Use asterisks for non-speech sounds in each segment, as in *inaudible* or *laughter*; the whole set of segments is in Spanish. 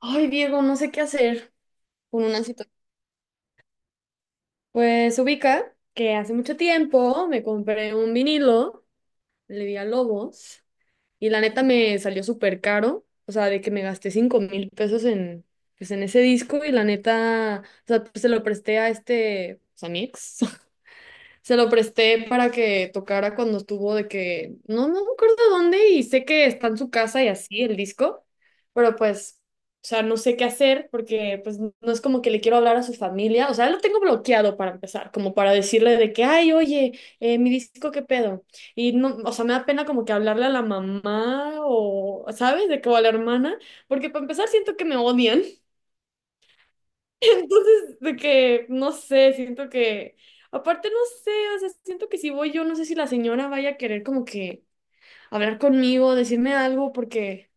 Ay, Diego, no sé qué hacer con una situación. Pues ubica que hace mucho tiempo me compré un vinilo, le di a Lobos, y la neta me salió súper caro. O sea, de que me gasté $5,000 en, pues, en ese disco, y la neta, o sea, pues, se lo presté a este, pues, a mi ex. *laughs* Se lo presté para que tocara cuando estuvo de que, no, no me acuerdo dónde y sé que está en su casa y así el disco, pero pues, o sea, no sé qué hacer porque pues no es como que le quiero hablar a su familia, o sea, lo tengo bloqueado para empezar, como para decirle de que, ay, oye, mi disco, ¿qué pedo? Y no, o sea, me da pena como que hablarle a la mamá o, ¿sabes? De que o a la hermana, porque para empezar siento que me odian. Entonces, de que, no sé, siento que, aparte no sé, o sea, siento que si voy yo, no sé si la señora vaya a querer como que hablar conmigo, decirme algo, porque,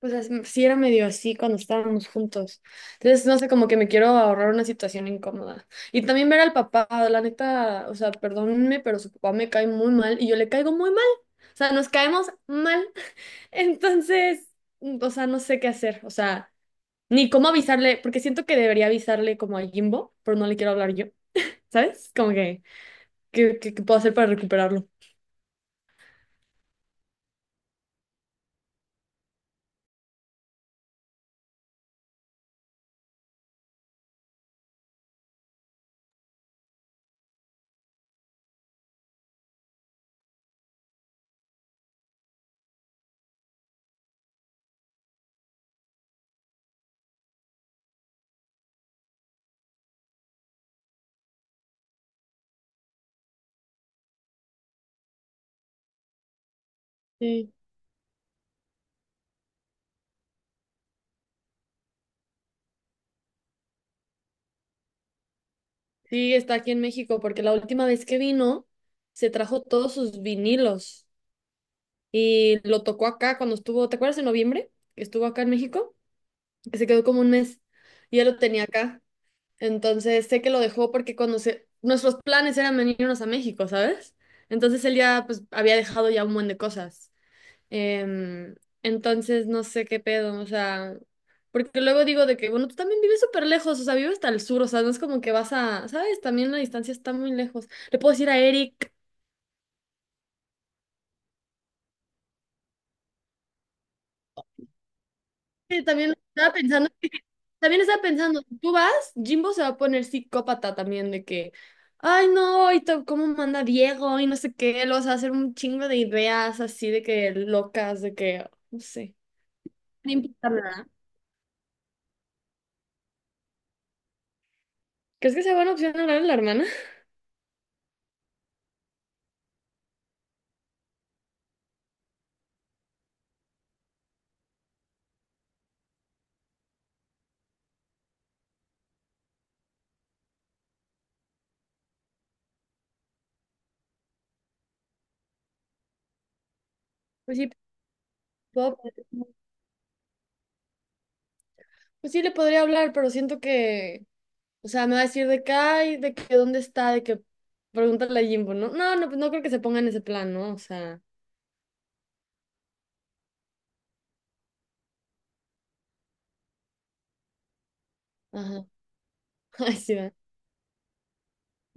pues, as- sí era medio así cuando estábamos juntos. Entonces, no sé, como que me quiero ahorrar una situación incómoda. Y también ver al papá, la neta, o sea, perdónenme, pero su papá me cae muy mal y yo le caigo muy mal. O sea, nos caemos mal. *laughs* Entonces, o sea, no sé qué hacer, o sea. Ni cómo avisarle, porque siento que debería avisarle como a Jimbo, pero no le quiero hablar yo, ¿sabes? Como que, ¿qué puedo hacer para recuperarlo? Sí. Sí, está aquí en México, porque la última vez que vino, se trajo todos sus vinilos y lo tocó acá cuando estuvo, ¿te acuerdas en noviembre? Que estuvo acá en México, que se quedó como un mes y ya lo tenía acá. Entonces sé que lo dejó porque cuando se, nuestros planes eran venirnos a México, ¿sabes? Entonces él ya pues había dejado ya un buen de cosas. Em, entonces, no sé qué pedo, o sea, porque luego digo de que, bueno, tú también vives súper lejos, o sea, vives hasta el sur, o sea, no es como que vas a, ¿sabes? También la distancia está muy lejos. Le puedo decir a Eric, que también estaba pensando, *laughs* también estaba pensando, tú vas, Jimbo se va a poner psicópata también de que, ay, no, y to- cómo manda Diego y no sé qué, lo vas a hacer un chingo de ideas así de que locas, de que, no sé. No importa nada. ¿Crees que sea buena opción hablar a la hermana? Pues sí, puedo. Pues sí le podría hablar, pero siento que, o sea, me va a decir de que, ay, de que dónde está, de que pregúntale a Jimbo, ¿no? No, no, pues no creo que se ponga en ese plan, ¿no? O sea, ajá. *laughs* Ay, sí, va.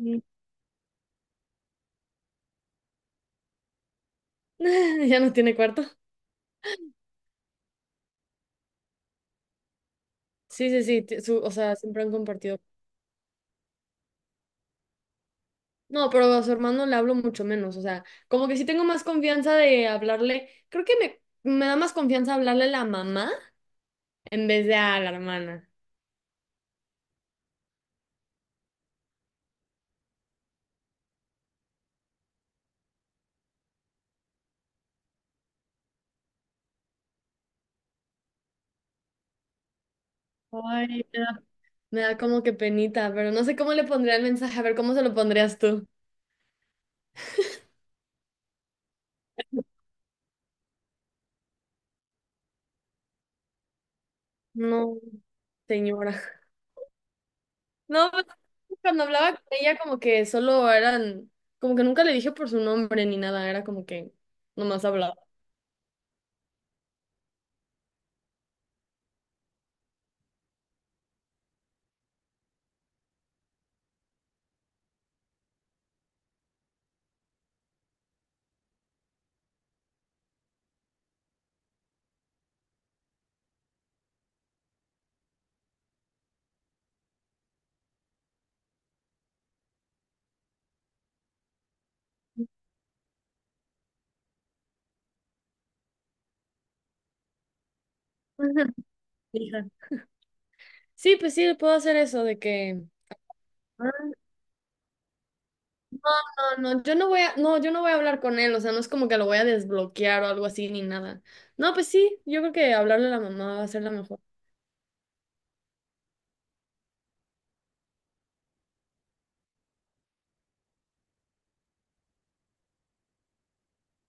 Mm. *laughs* Ya no tiene cuarto. Sí, sí, sí, o sea, siempre han compartido. No, pero a su hermano le hablo mucho menos, o sea, como que sí tengo más confianza de hablarle, creo que me da más confianza hablarle a la mamá en vez de a la hermana. Ay, me da como que penita, pero no sé cómo le pondría el mensaje, a ver cómo se lo pondrías tú. No, señora. No, pues, cuando hablaba con ella como que solo eran, como que nunca le dije por su nombre ni nada, era como que nomás hablaba. Ujú. Hija. Sí, pues sí, puedo hacer eso de que. Ah. No, no, yo no voy a, no, yo no voy a hablar con él, o sea, no es como que lo voy a desbloquear o algo así ni nada. No, pues sí, yo creo que hablarle a la mamá va a ser la mejor.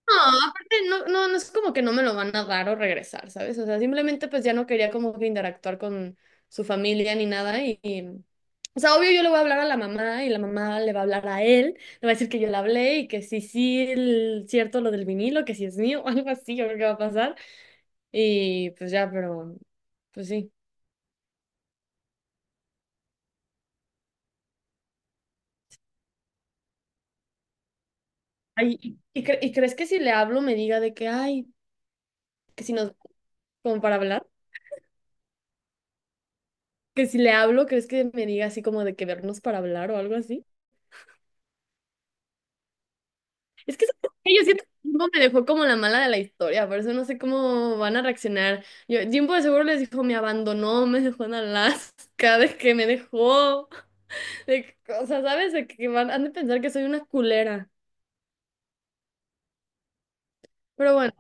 No, aparte no, no, no es como que no me lo van a dar o regresar, ¿sabes? O sea, simplemente pues ya no quería como que interactuar con su familia ni nada y, y- o sea, obvio yo le voy a hablar a la mamá y la mamá le va a hablar a él, le va a decir que yo le hablé y que sí, sí, el- cierto lo del vinilo, que sí es mío *laughs* o algo así, yo creo que va a pasar y pues ya, pero pues sí. Ay, y cre- ¿y crees que si le hablo me diga de que, ay, que si nos, como para hablar? Que si le hablo, ¿crees que me diga así como de que vernos para hablar o algo así? Es que ¿sabes qué? Yo siento que Jimbo me dejó como la mala de la historia, por eso no sé cómo van a reaccionar. Yo, Jimbo de seguro les dijo, me abandonó, me dejó en Alaska, de que me dejó, de que- o sea, ¿sabes? De que van, han de pensar que soy una culera. Pero bueno,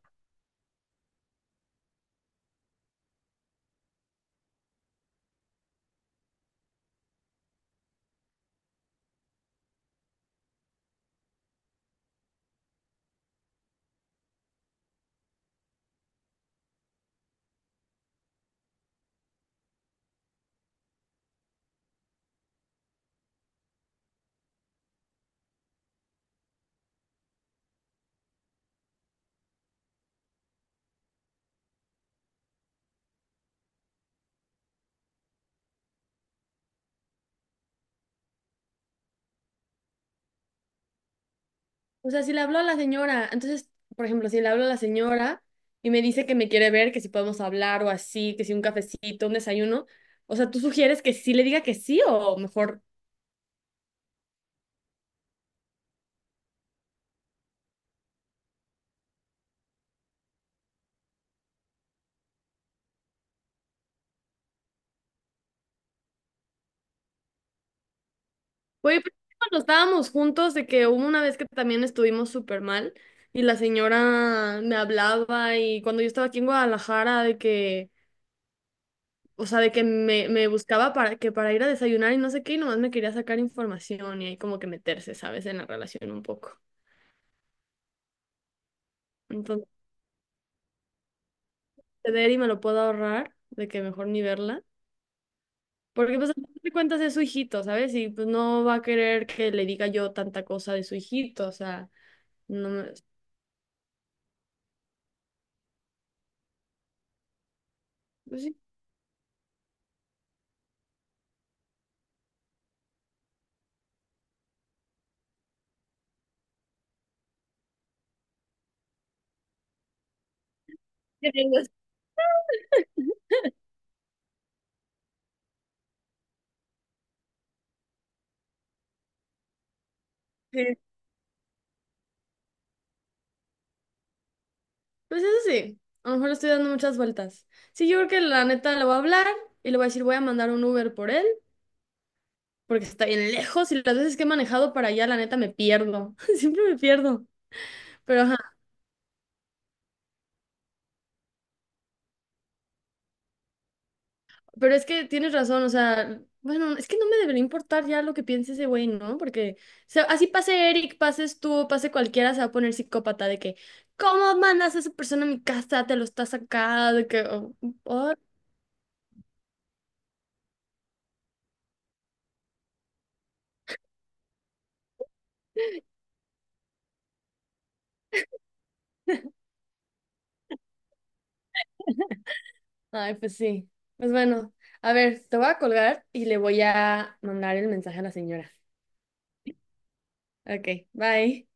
o sea, si le hablo a la señora, entonces, por ejemplo, si le hablo a la señora y me dice que me quiere ver, que si podemos hablar o así, que si un cafecito, un desayuno, o sea, ¿tú sugieres que sí le diga que sí o mejor? Oye, pero cuando estábamos juntos, de que hubo una vez que también estuvimos súper mal y la señora me hablaba y cuando yo estaba aquí en Guadalajara, de que, o sea, de que me buscaba para, que para ir a desayunar y no sé qué, y nomás me quería sacar información y ahí como que meterse, ¿sabes? En la relación un poco. Entonces, ceder y me lo puedo ahorrar, de que mejor ni verla. Porque pues a fin de cuentas es su hijito, ¿sabes? Y pues no va a querer que le diga yo tanta cosa de su hijito, o sea, no me... Pues sí. *laughs* Pues eso sí, a lo mejor le estoy dando muchas vueltas. Sí, yo creo que la neta le voy a hablar y le voy a decir, voy a mandar un Uber por él, porque está bien lejos y las veces que he manejado para allá, la neta me pierdo. *laughs* Siempre me pierdo. Pero ajá, pero es que tienes razón, o sea, bueno, es que no me debería importar ya lo que piense ese güey, ¿no? Porque o sea, así pase Eric, pases tú, pase cualquiera, se va a poner psicópata de que, ¿cómo mandas a esa persona a mi casa? Te lo estás acá, de que, oh. Ay, pues sí. Pues bueno, a ver, te voy a colgar y le voy a mandar el mensaje a la señora. Ok, bye.